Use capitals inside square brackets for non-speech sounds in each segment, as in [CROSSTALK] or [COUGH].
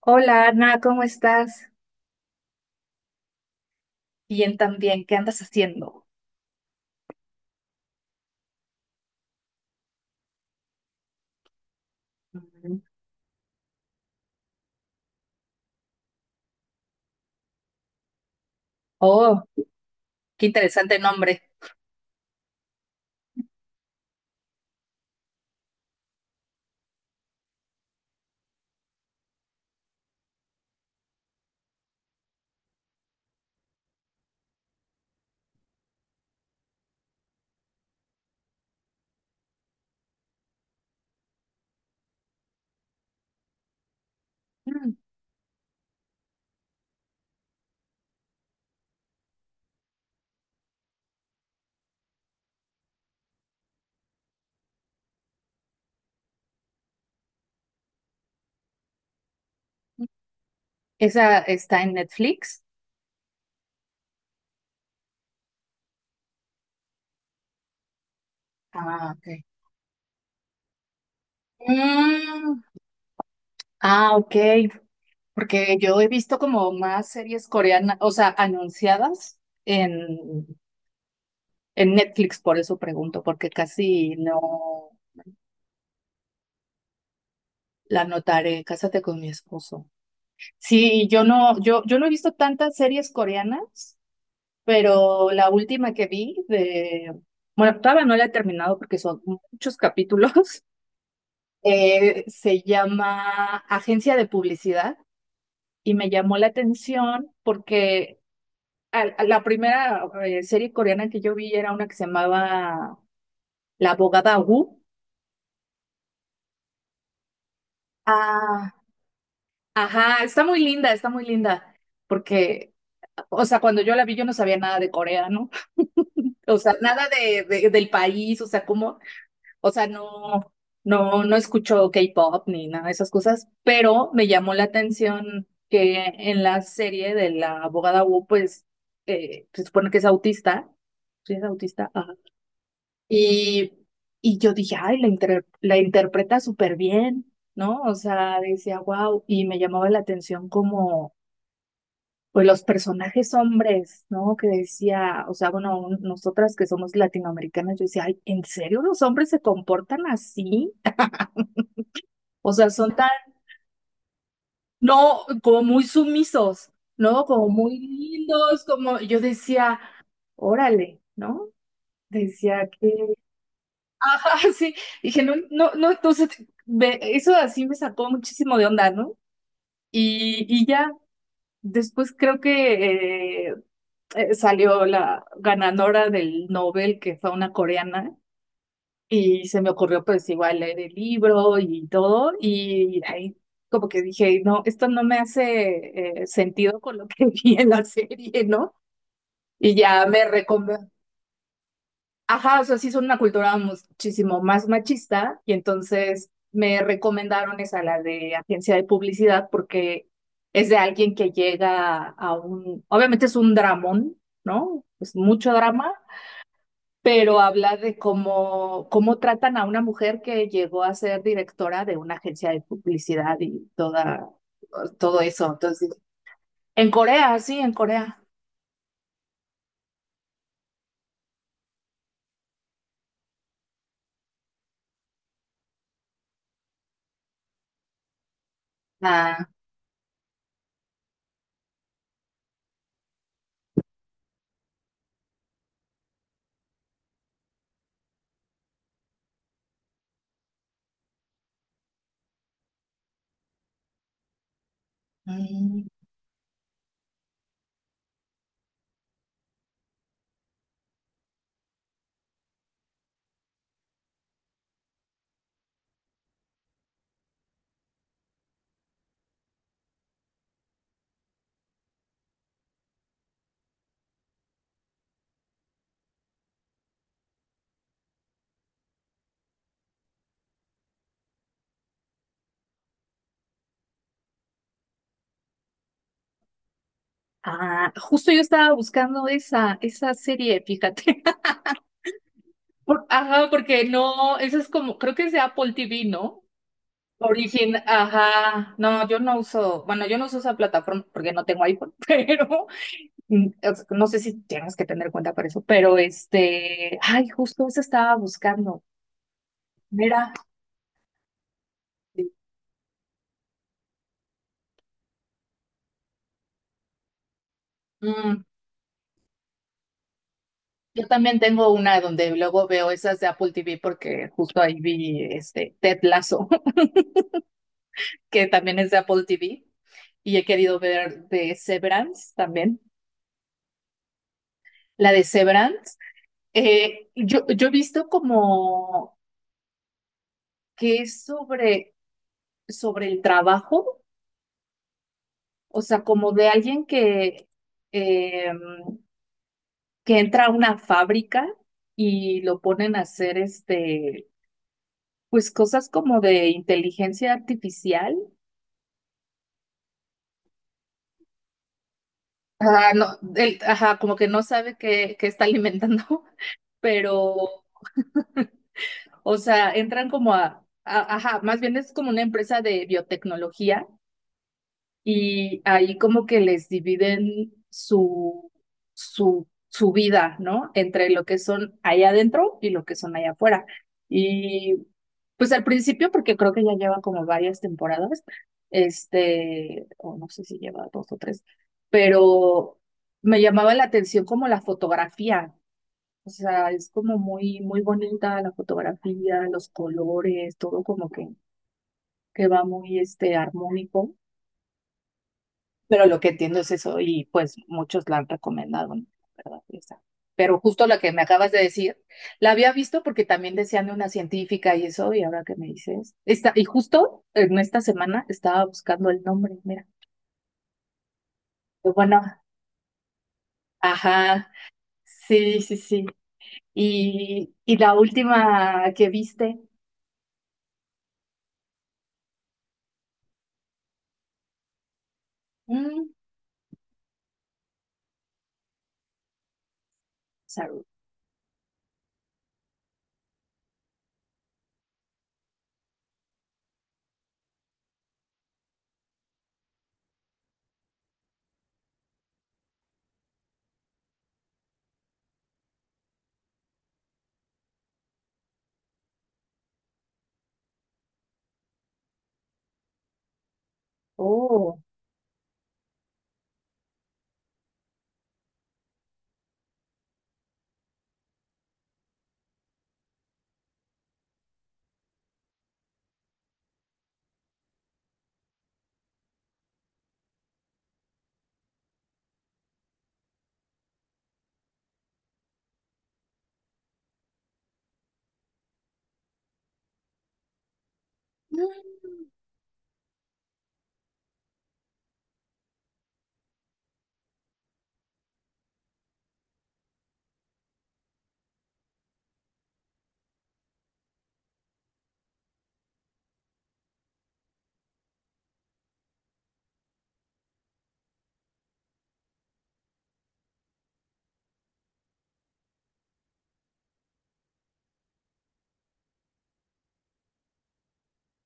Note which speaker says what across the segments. Speaker 1: Hola Ana, ¿cómo estás? Bien también, ¿qué andas haciendo? Mm. Oh, qué interesante nombre. Mm, ¿esa está en Netflix? Ah, ok. Mm, ah, ok, porque yo he visto como más series coreanas, o sea, anunciadas en, en Netflix, por eso pregunto, porque casi no la notaré. Cásate con mi esposo. Sí, yo no he visto tantas series coreanas. Pero la última que vi de, bueno, todavía no la he terminado porque son muchos capítulos, [LAUGHS] se llama Agencia de Publicidad y me llamó la atención porque a la primera serie coreana que yo vi era una que se llamaba La abogada Wu. Ah, ajá, está muy linda, porque, o sea, cuando yo la vi yo no sabía nada de Corea, ¿no? [LAUGHS] O sea, nada del país, o sea, cómo. O sea, no, no escucho K-pop ni nada de esas cosas, pero me llamó la atención que en la serie de la abogada Wu, pues se supone que es autista, sí es autista, ajá. Y, y yo dije, ay, la interpreta súper bien, ¿no? O sea, decía, wow, y me llamaba la atención como, pues los personajes hombres, ¿no? Que decía, o sea, bueno, nosotras que somos latinoamericanas, yo decía, ay, ¿en serio los hombres se comportan así? O sea, son tan, no, como muy sumisos, ¿no? Como muy lindos, como yo decía, órale, ¿no? Decía que, [LAUGHS] ah, sí, dije, no, entonces, eso así me sacó muchísimo de onda, ¿no? Y ya, después creo que salió la ganadora del Nobel, que fue una coreana. Y se me ocurrió pues igual leer el libro y todo, y ahí como que dije, no, esto no me hace sentido con lo que [LAUGHS] vi en la serie, ¿no? Y ya me recomendó, ajá, o sea, sí son una cultura muchísimo más machista, y entonces me recomendaron esa, la de agencia de publicidad, porque es de alguien que llega a un, obviamente es un dramón, ¿no? Es mucho drama, pero habla de cómo, cómo tratan a una mujer que llegó a ser directora de una agencia de publicidad y toda, todo eso. Entonces, en Corea, sí, en Corea. Ah, mm, ah, justo yo estaba buscando esa, esa serie, fíjate. [LAUGHS] Ajá, porque no, eso es como, creo que es de Apple TV, ¿no? Origen, ajá, no, yo no uso, bueno, yo no uso esa plataforma porque no tengo iPhone, [LAUGHS] pero mm, no sé si tienes que tener cuenta para eso, pero este, ay, justo eso estaba buscando. Mira, mm, yo también tengo una donde luego veo esas de Apple TV porque justo ahí vi este Ted Lasso, [LAUGHS] que también es de Apple TV, y he querido ver de Severance también. La de Severance, yo he visto como que es sobre, sobre el trabajo, o sea, como de alguien que... em, que entra a una fábrica y lo ponen a hacer este, pues cosas como de inteligencia artificial. Ah, no, él, ajá, como que no sabe qué, qué está alimentando, [LAUGHS] pero, o sea, entran como ajá, más bien es como una empresa de biotecnología y ahí como que les dividen su vida, ¿no? Entre lo que son allá adentro y lo que son allá afuera. Y pues al principio, porque creo que ya lleva como varias temporadas, este, o no sé si lleva dos o tres, pero me llamaba la atención como la fotografía. O sea, es como muy, muy bonita la fotografía, los colores, todo como que va muy, este, armónico. Pero lo que entiendo es eso y pues muchos la han recomendado, ¿no? La ¿verdad? Esa. Pero justo la que me acabas de decir, la había visto porque también decían de una científica y eso, y ahora que me dices, esta, y justo en esta semana estaba buscando el nombre, mira. Pero bueno, ajá, sí. Y la última que viste, mm, Saru. Oh, mm,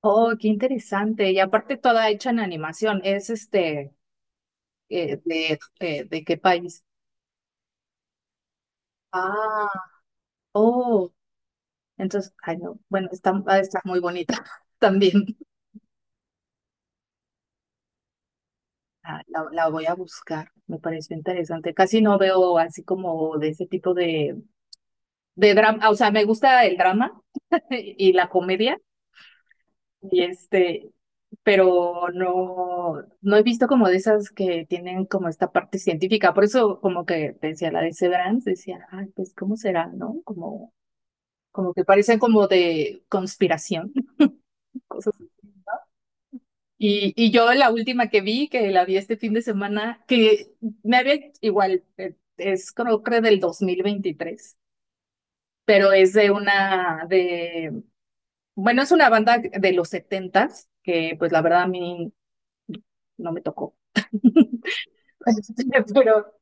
Speaker 1: oh, qué interesante. Y aparte toda hecha en animación, es este, de ¿de qué país? Ah, oh, entonces, ay, no, bueno, está, ha de estar muy bonita [LAUGHS] también. Ah, la voy a buscar, me pareció interesante. Casi no veo así como de ese tipo de drama, o sea, me gusta el drama [LAUGHS] y la comedia, y este, pero no, no he visto como de esas que tienen como esta parte científica. Por eso, como que decía la de Severance, decía, ay, pues, ¿cómo será, no? Como, como que parecen como de conspiración, [LAUGHS] cosas así. Y yo la última que vi, que la vi este fin de semana, que me había igual, es creo que del dos mil veintitrés, pero es de una, de, bueno, es una banda de los setentas, que pues la verdad a mí no me tocó. [LAUGHS] Pero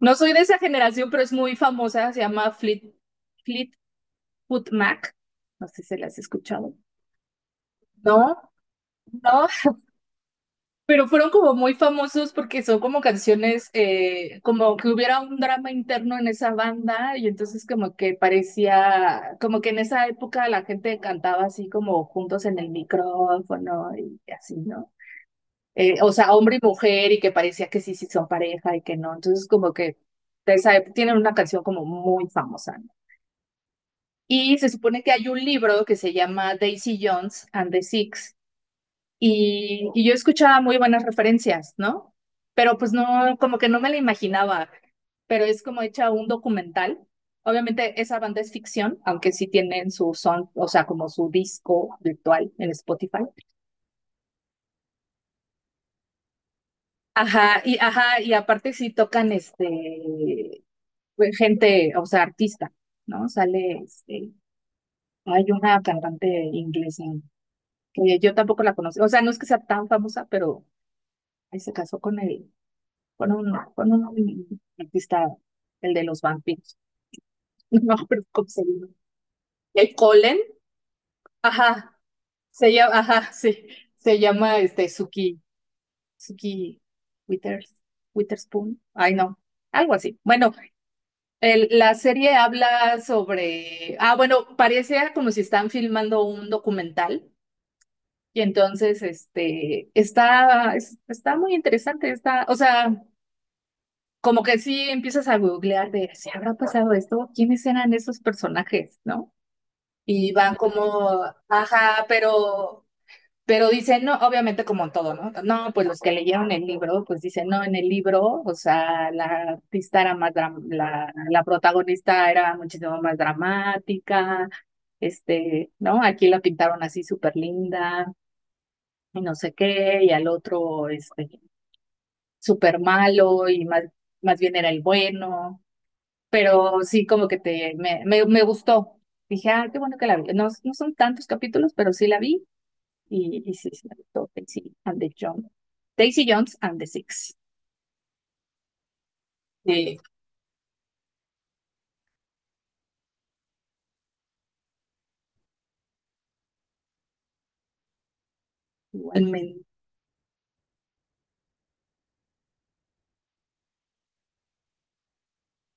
Speaker 1: no soy de esa generación, pero es muy famosa, se llama Fleet, Fleetwood Mac. No sé si la has escuchado. No, no, Pero fueron como muy famosos porque son como canciones, como que hubiera un drama interno en esa banda y entonces como que parecía, como que en esa época la gente cantaba así como juntos en el micrófono y así, ¿no? O sea, hombre y mujer y que parecía que sí, sí son pareja y que no. Entonces como que de esa época tienen una canción como muy famosa, ¿no? Y se supone que hay un libro que se llama Daisy Jones and the Six y yo escuchaba muy buenas referencias, ¿no? Pero pues no, como que no me la imaginaba, pero es como hecha un documental. Obviamente esa banda es ficción, aunque sí tienen su son, o sea, como su disco virtual en Spotify. Ajá, y ajá, y aparte sí tocan este pues, gente, o sea, artista, ¿no? Sale este, hay una cantante inglesa que yo tampoco la conozco, o sea, no es que sea tan famosa, pero ahí se casó con él con un artista, el de los vampiros. [LAUGHS] No, pero ¿cómo se llama? ¿El Colin? Ajá, se llama, ajá, sí, se llama este Suki, Suki Withers, Witherspoon. Ay, no, algo así. Bueno, la serie habla sobre, ah, bueno, parecía como si están filmando un documental y entonces, este, está muy interesante, está, o sea, como que sí empiezas a googlear de si habrá pasado esto, quiénes eran esos personajes, ¿no? Y van como, ajá, pero dicen, no, obviamente como en todo, ¿no? No, pues los que leyeron el libro, pues dicen, no, en el libro, o sea, la, la protagonista era muchísimo más dramática, este, ¿no? Aquí la pintaron así súper linda y no sé qué, y al otro, este, súper malo y más, más bien era el bueno, pero sí como que me gustó. Dije, ah, qué bueno que la vi. No, no son tantos capítulos, pero sí la vi y sí, sí me gustó Daisy and the Jones. Daisy Jones and the Six. Sí, igualmente.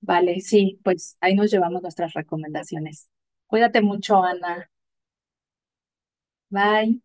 Speaker 1: Vale, sí, pues ahí nos llevamos nuestras recomendaciones. Cuídate mucho, Ana. Bye.